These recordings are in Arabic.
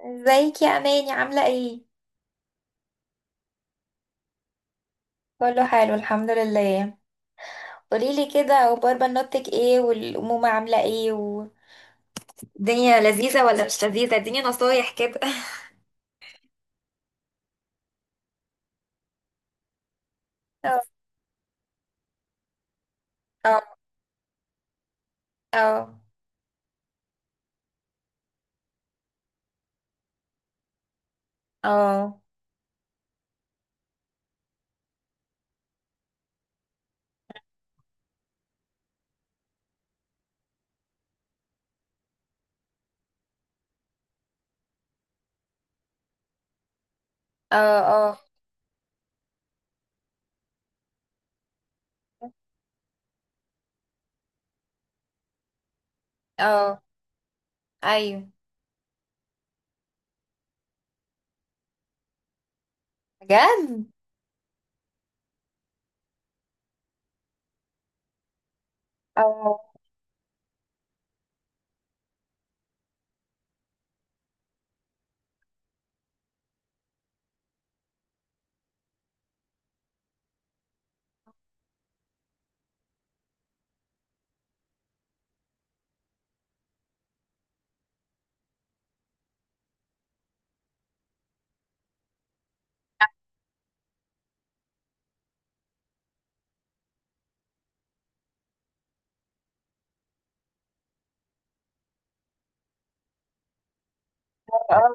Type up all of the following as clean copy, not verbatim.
ازيك يا اماني، عامله ايه؟ كله حلو، الحمد لله. قوليلي كده، اخبار بنوتك ايه، والامومه عامله ايه، والدنيا لذيذه ولا مش لذيذه؟ اديني نصايح كده. اه. اه. اه. اه. اه. اه. ايوه. بجد؟ اه. اه.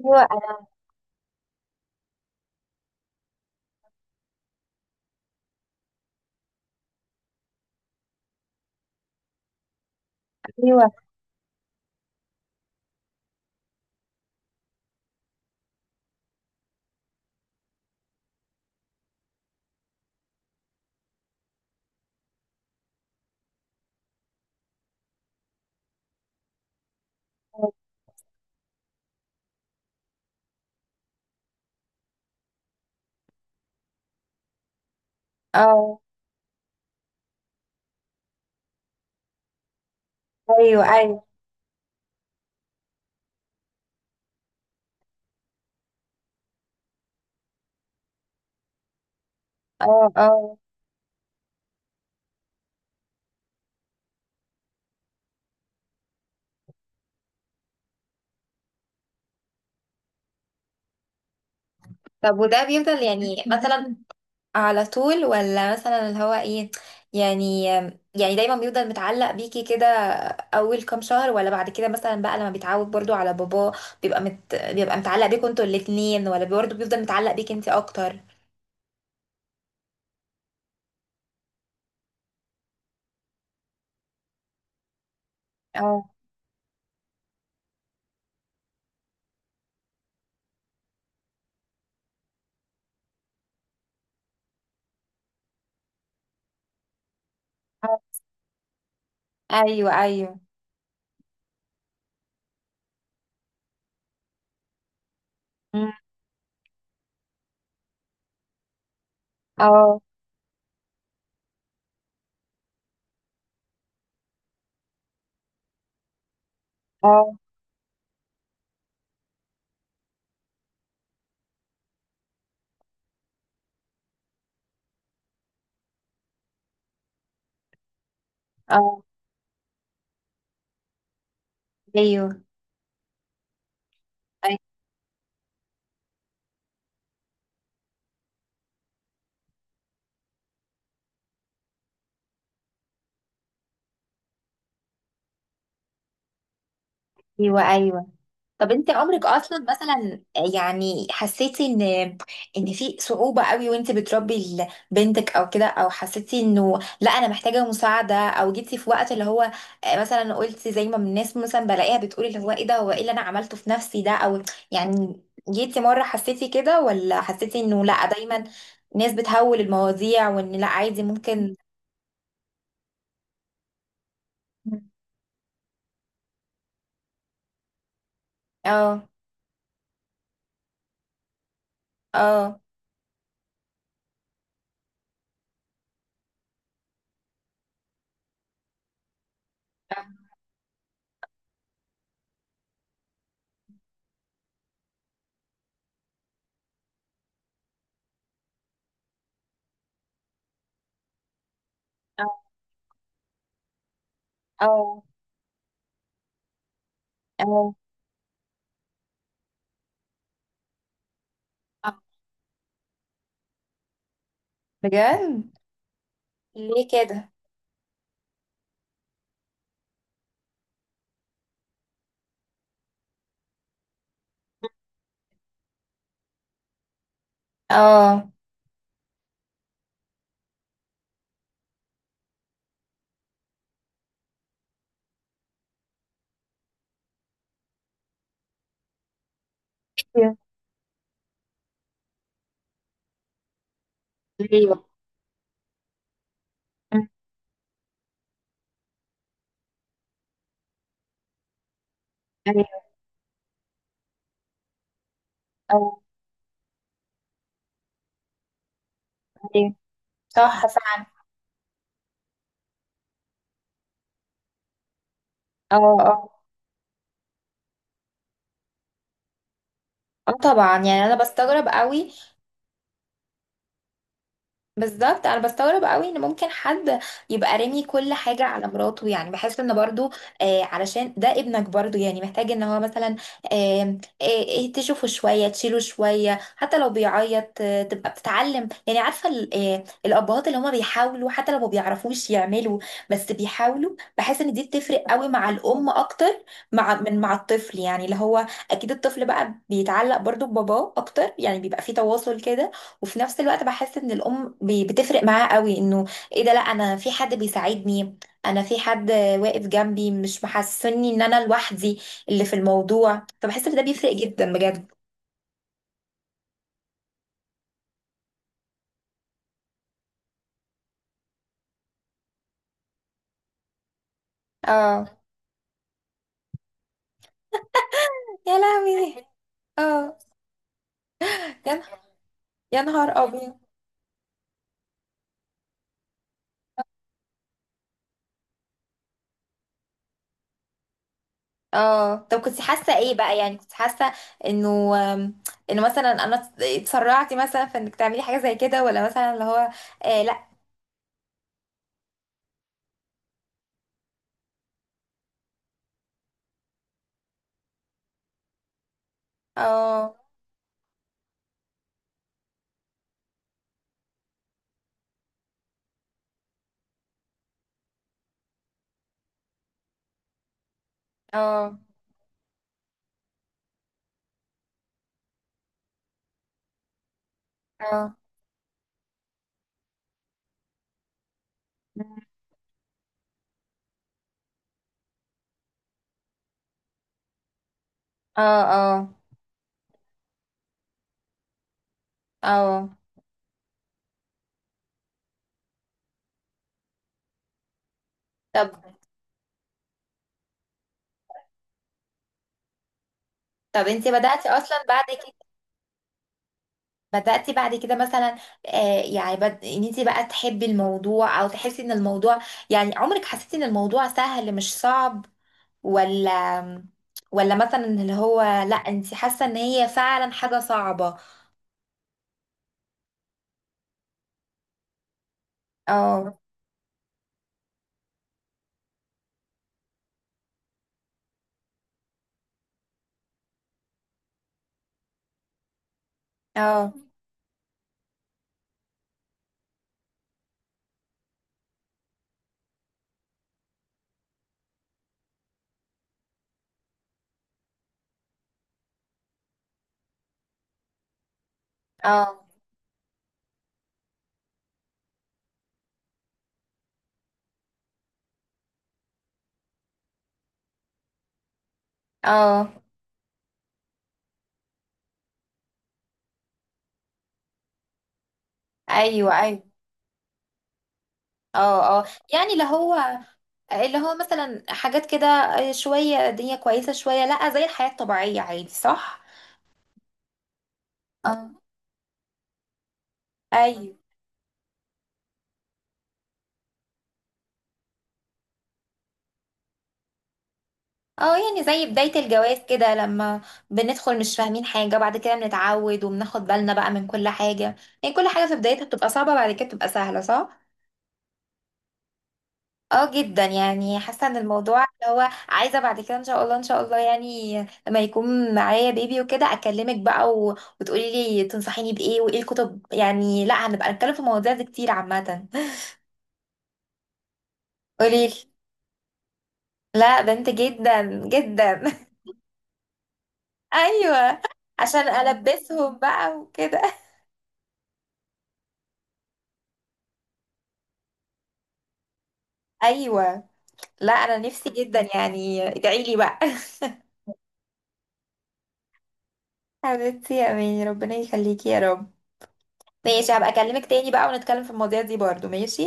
ايوه. ايوه. اه. ايوه. ايوه. اه. اه. طب وده بيفضل يعني مثلا، على طول، ولا مثلا اللي هو ايه؟ يعني يعني دايما بيفضل متعلق بيكي كده، اول كام شهر، ولا بعد كده مثلا بقى لما بيتعود برضو على باباه؟ بيبقى متعلق بيكوا انتوا الاتنين، ولا برضو بيفضل متعلق بيكي انتي اكتر؟ اه. اه. ايوه. ايوه. مم. اه. اه. اه. ايوه. ايوه. ايوه. طب انت عمرك اصلا مثلا، يعني حسيتي ان في صعوبة قوي وانت بتربي بنتك، او كده، او حسيتي انه لا انا محتاجة مساعدة، او جيتي في وقت اللي هو مثلا قلتي زي ما الناس مثلا بلاقيها بتقولي اللي هو ايه ده، هو ايه اللي انا عملته في نفسي ده، او يعني جيتي مرة حسيتي كده، ولا حسيتي انه لا دايما ناس بتهول المواضيع، وان لا عادي ممكن؟ اه. اه. اه. اه. اه. اه. بجد؟ ليه كده؟ اه. ايوه. ايوه. أمم. ايوه. اه. ايوه. صح فعلا. اه. اه. اه. طبعا، يعني انا بستغرب قوي. بالظبط، انا بستغرب قوي ان ممكن حد يبقى رامي كل حاجه على مراته، يعني بحس ان برضو علشان ده ابنك برضو، يعني محتاج ان هو مثلا تشوفه شويه، تشيله شويه، حتى لو بيعيط تبقى بتتعلم، يعني عارفه الابهات اللي هما بيحاولوا، حتى لو ما بيعرفوش يعملوا، بس بيحاولوا. بحس ان دي بتفرق قوي مع الام اكتر. مع من؟ مع الطفل، يعني اللي هو اكيد الطفل بقى بيتعلق برضو بباباه اكتر، يعني بيبقى في تواصل كده، وفي نفس الوقت بحس ان الام بتفرق معاه قوي، انه ايه ده، لا انا في حد بيساعدني، انا في حد واقف جنبي، مش محسسني ان انا لوحدي اللي في الموضوع، فبحس ان ده بيفرق جدا بجد. اه. يا لهوي. اه. يا نه- يا نهار ابيض. اه. طب كنت حاسه ايه بقى؟ يعني كنت حاسه انه آم، انه مثلا انا اتسرعتي مثلا في انك تعملي حاجه زي كده، ولا مثلا اللي هو؟ آه. لا. اه. اه. اه. اه. اه. اه. طب. انت بدأتي اصلا بعد كده، بدأتي بعد كده مثلا؟ يعني ان انت بقى تحبي الموضوع، او تحسي ان الموضوع، يعني عمرك حسيتي ان الموضوع سهل مش صعب، ولا ولا مثلا اللي هو لا انت حاسة ان هي فعلا حاجة صعبة؟ اه. اه. اه. اه. ايوه. ايوه. اه. اه. يعني اللي هو مثلا حاجات كده، شوية الدنيا كويسة، شوية لا، زي الحياة الطبيعية عادي، صح؟ اه. ايوه. اه. يعني زي بداية الجواز كده، لما بندخل مش فاهمين حاجة، بعد كده بنتعود وبناخد بالنا بقى من كل حاجة. يعني كل حاجة في بدايتها بتبقى صعبة، بعد كده بتبقى سهلة، صح؟ اه جدا، يعني حاسة ان الموضوع اللي هو عايزة بعد كده ان شاء الله. ان شاء الله، يعني لما يكون معايا بيبي وكده اكلمك بقى، وتقولي لي تنصحيني بإيه وايه الكتب، يعني لا، هنبقى نتكلم في المواضيع دي كتير عامة. قولي لي. لا، بنت جدا جدا. ايوه. عشان البسهم بقى وكده. ايوه. لا انا نفسي جدا، يعني ادعي لي بقى. حبيبتي يا اماني، ربنا يخليكي يا رب. ماشي، هبقى اكلمك تاني بقى ونتكلم في المواضيع دي برضو. ماشي.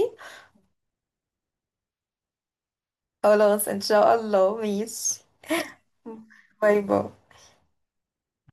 خلاص ان شاء الله. ماشي. باي باي.